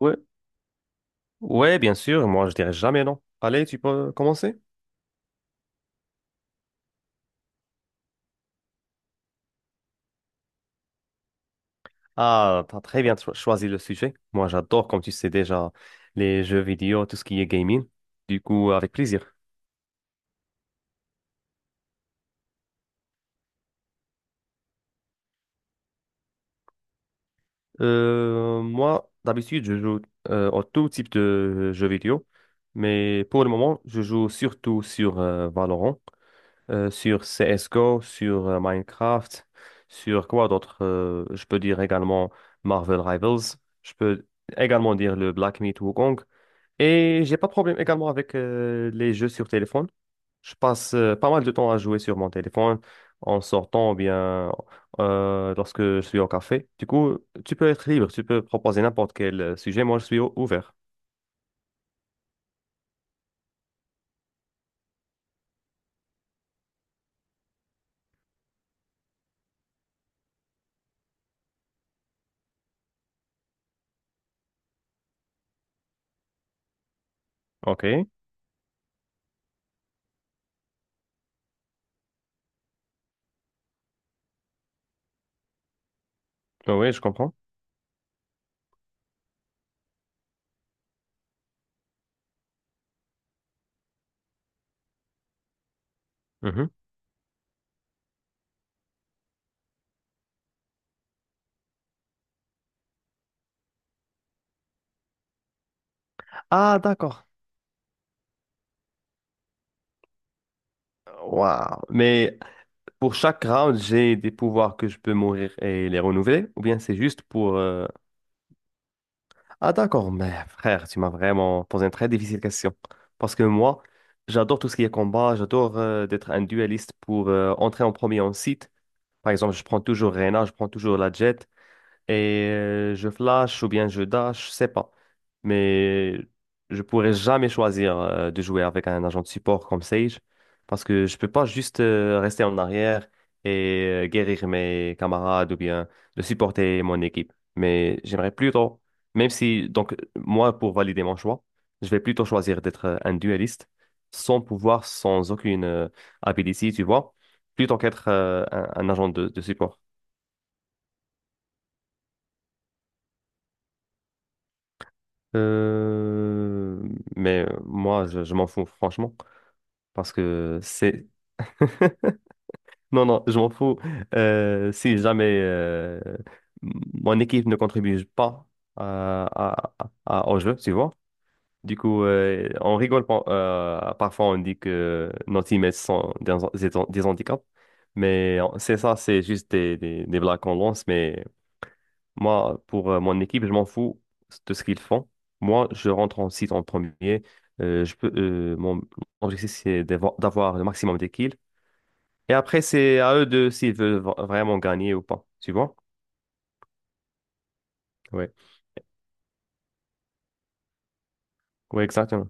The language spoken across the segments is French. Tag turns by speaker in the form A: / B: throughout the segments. A: Ouais, ouais, bien sûr, moi je dirais jamais non. Allez, tu peux commencer? Ah, t'as très bien choisi le sujet. Moi j'adore, comme tu sais déjà, les jeux vidéo, tout ce qui est gaming. Du coup, avec plaisir. Moi, d'habitude, je joue à tout type de jeux vidéo, mais pour le moment, je joue surtout sur Valorant, sur CSGO, sur Minecraft, sur quoi d'autre? Je peux dire également Marvel Rivals. Je peux également dire le Black Myth Wukong. Et j'ai pas de problème également avec les jeux sur téléphone. Je passe pas mal de temps à jouer sur mon téléphone en sortant ou bien lorsque je suis au café. Du coup, tu peux être libre, tu peux proposer n'importe quel sujet. Moi, je suis ouvert. OK. Oui, oui, je comprends. Mhm. Ah, d'accord. Waouh. Mais pour chaque round, j'ai des pouvoirs que je peux mourir et les renouveler, ou bien c'est juste pour. Ah d'accord, mais frère, tu m'as vraiment posé une très difficile question. Parce que moi, j'adore tout ce qui est combat, j'adore d'être un dueliste pour entrer en premier en site. Par exemple, je prends toujours Reyna, je prends toujours la Jet et je flash ou bien je dash, je sais pas. Mais je pourrais jamais choisir de jouer avec un agent de support comme Sage parce que je peux pas juste rester en arrière et guérir mes camarades ou bien de supporter mon équipe. Mais j'aimerais plutôt, même si, donc, moi, pour valider mon choix, je vais plutôt choisir d'être un dueliste sans pouvoir, sans aucune ability, tu vois, plutôt qu'être un agent de support. Euh, moi, je m'en fous, franchement, parce que c'est... Non, non, je m'en fous. Si jamais mon équipe ne contribue pas à, à- au jeu, tu vois. Du coup, on rigole parfois, on dit que nos teammates sont des handicaps. Mais c'est ça, c'est juste des blagues qu'on lance, mais moi, pour mon équipe, je m'en fous de ce qu'ils font. Moi, je rentre en site en premier. Je peux, mon mon objectif, c'est d'avoir le maximum de kills. Et après, c'est à eux de s'ils veulent vraiment gagner ou pas. Tu vois? Ouais. Ouais, exactement.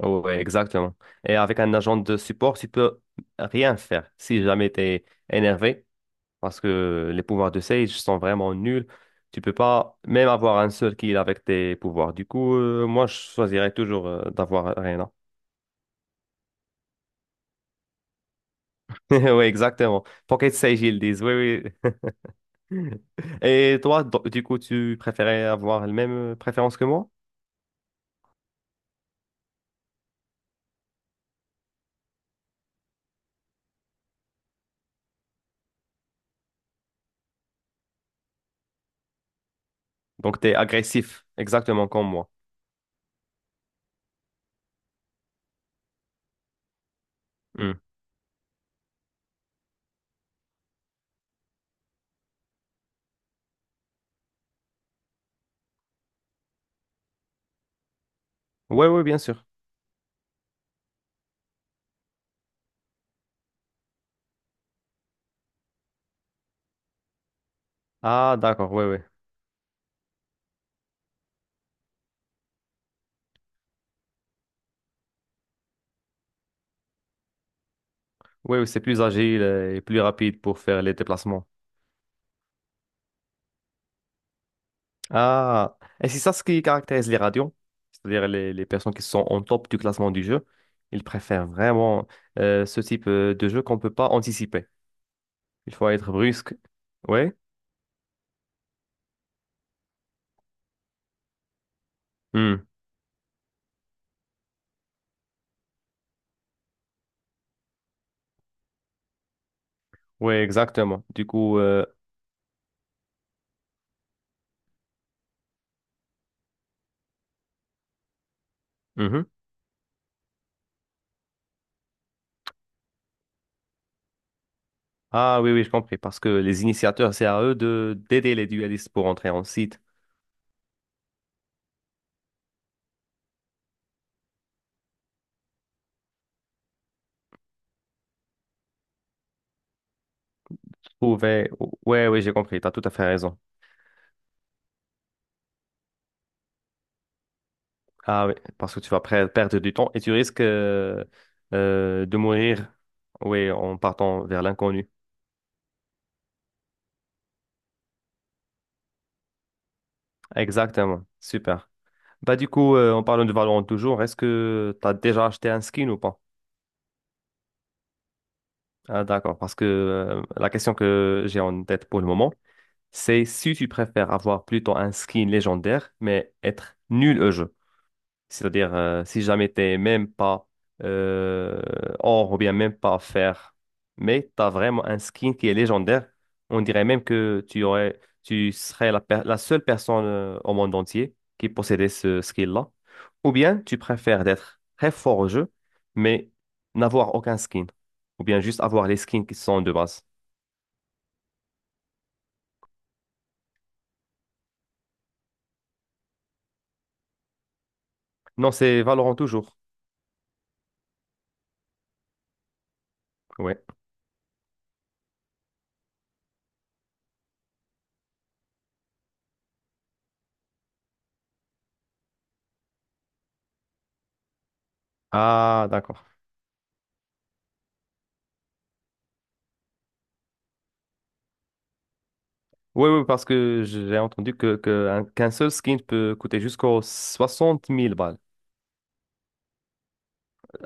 A: Oui, exactement. Et avec un agent de support, tu peux rien faire si jamais tu es énervé, parce que les pouvoirs de Sage sont vraiment nuls. Tu peux pas même avoir un seul kill avec tes pouvoirs. Du coup, moi, je choisirais toujours d'avoir Arena. Oui, exactement. Pocket Sage, ils disent. Oui, oui. Et toi, du coup, tu préférais avoir la même préférence que moi? Donc, tu es agressif, exactement comme moi. Oui, oui, bien sûr. Ah, d'accord, oui, oui. Oui, c'est plus agile et plus rapide pour faire les déplacements. Ah, et c'est ça ce qui caractérise les radios, c'est-à-dire les personnes qui sont en top du classement du jeu. Ils préfèrent vraiment ce type de jeu qu'on ne peut pas anticiper. Il faut être brusque. Oui, oui, exactement. Du coup, mhm. Ah oui, oui, je compris. Parce que les initiateurs, c'est à eux de d'aider les dualistes pour entrer en site. Oui, oui, j'ai compris. Tu as tout à fait raison. Ah oui, parce que tu vas perdre du temps et tu risques de mourir, oui, en partant vers l'inconnu. Exactement, super. Bah du coup, en parlant de Valorant toujours, est-ce que tu as déjà acheté un skin ou pas? Ah d'accord, parce que la question que j'ai en tête pour le moment, c'est si tu préfères avoir plutôt un skin légendaire, mais être nul au jeu. C'est-à-dire, si jamais t'es même pas euh, or ou bien même pas fer, mais t'as vraiment un skin qui est légendaire, on dirait même que tu aurais, tu serais la seule personne au monde entier qui possédait ce skill-là. Ou bien tu préfères d'être très fort au jeu, mais n'avoir aucun skin. Ou bien juste avoir les skins qui sont de base. Non, c'est Valorant toujours. Ouais. Ah, d'accord. Oui, oui, parce que j'ai entendu qu'un seul skin peut coûter jusqu'aux 60 000 balles.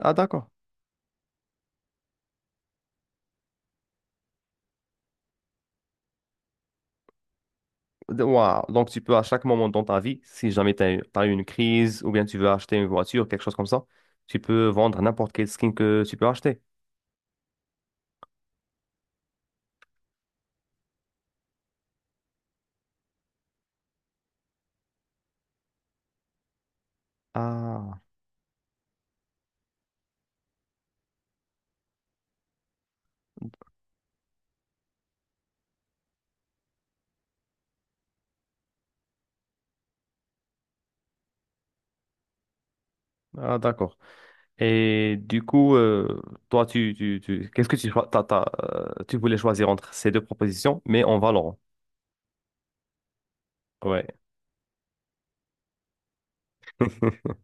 A: Ah, d'accord. Waouh. Donc, tu peux à chaque moment dans ta vie, si jamais tu as, eu t'as eu une crise ou bien tu veux acheter une voiture, quelque chose comme ça, tu peux vendre n'importe quel skin que tu peux acheter. Ah, ah d'accord. Et du coup, toi, qu'est-ce que tu voulais choisir entre ces deux propositions, mais en Valorant. Ouais.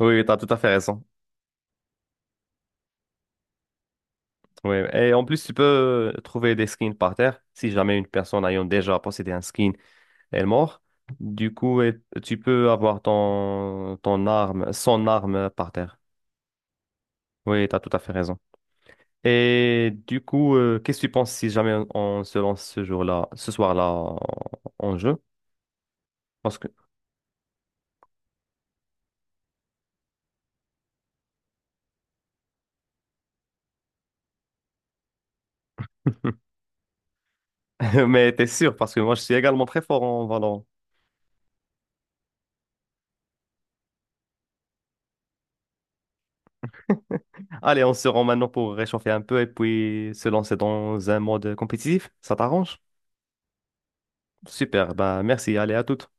A: Oui, tu as tout à fait raison. Oui, et en plus, tu peux trouver des skins par terre si jamais une personne ayant déjà possédé un skin est morte. Du coup, tu peux avoir ton arme, son arme par terre. Oui, tu as tout à fait raison. Et du coup, qu'est-ce que tu penses si jamais on se lance ce jour-là, ce soir-là en jeu? Parce que... Mais t'es sûr, parce que moi, je suis également très fort en Valorant. Allez, on se rend maintenant pour réchauffer un peu et puis se lancer dans un mode compétitif. Ça t'arrange? Super, bah merci, allez à toutes.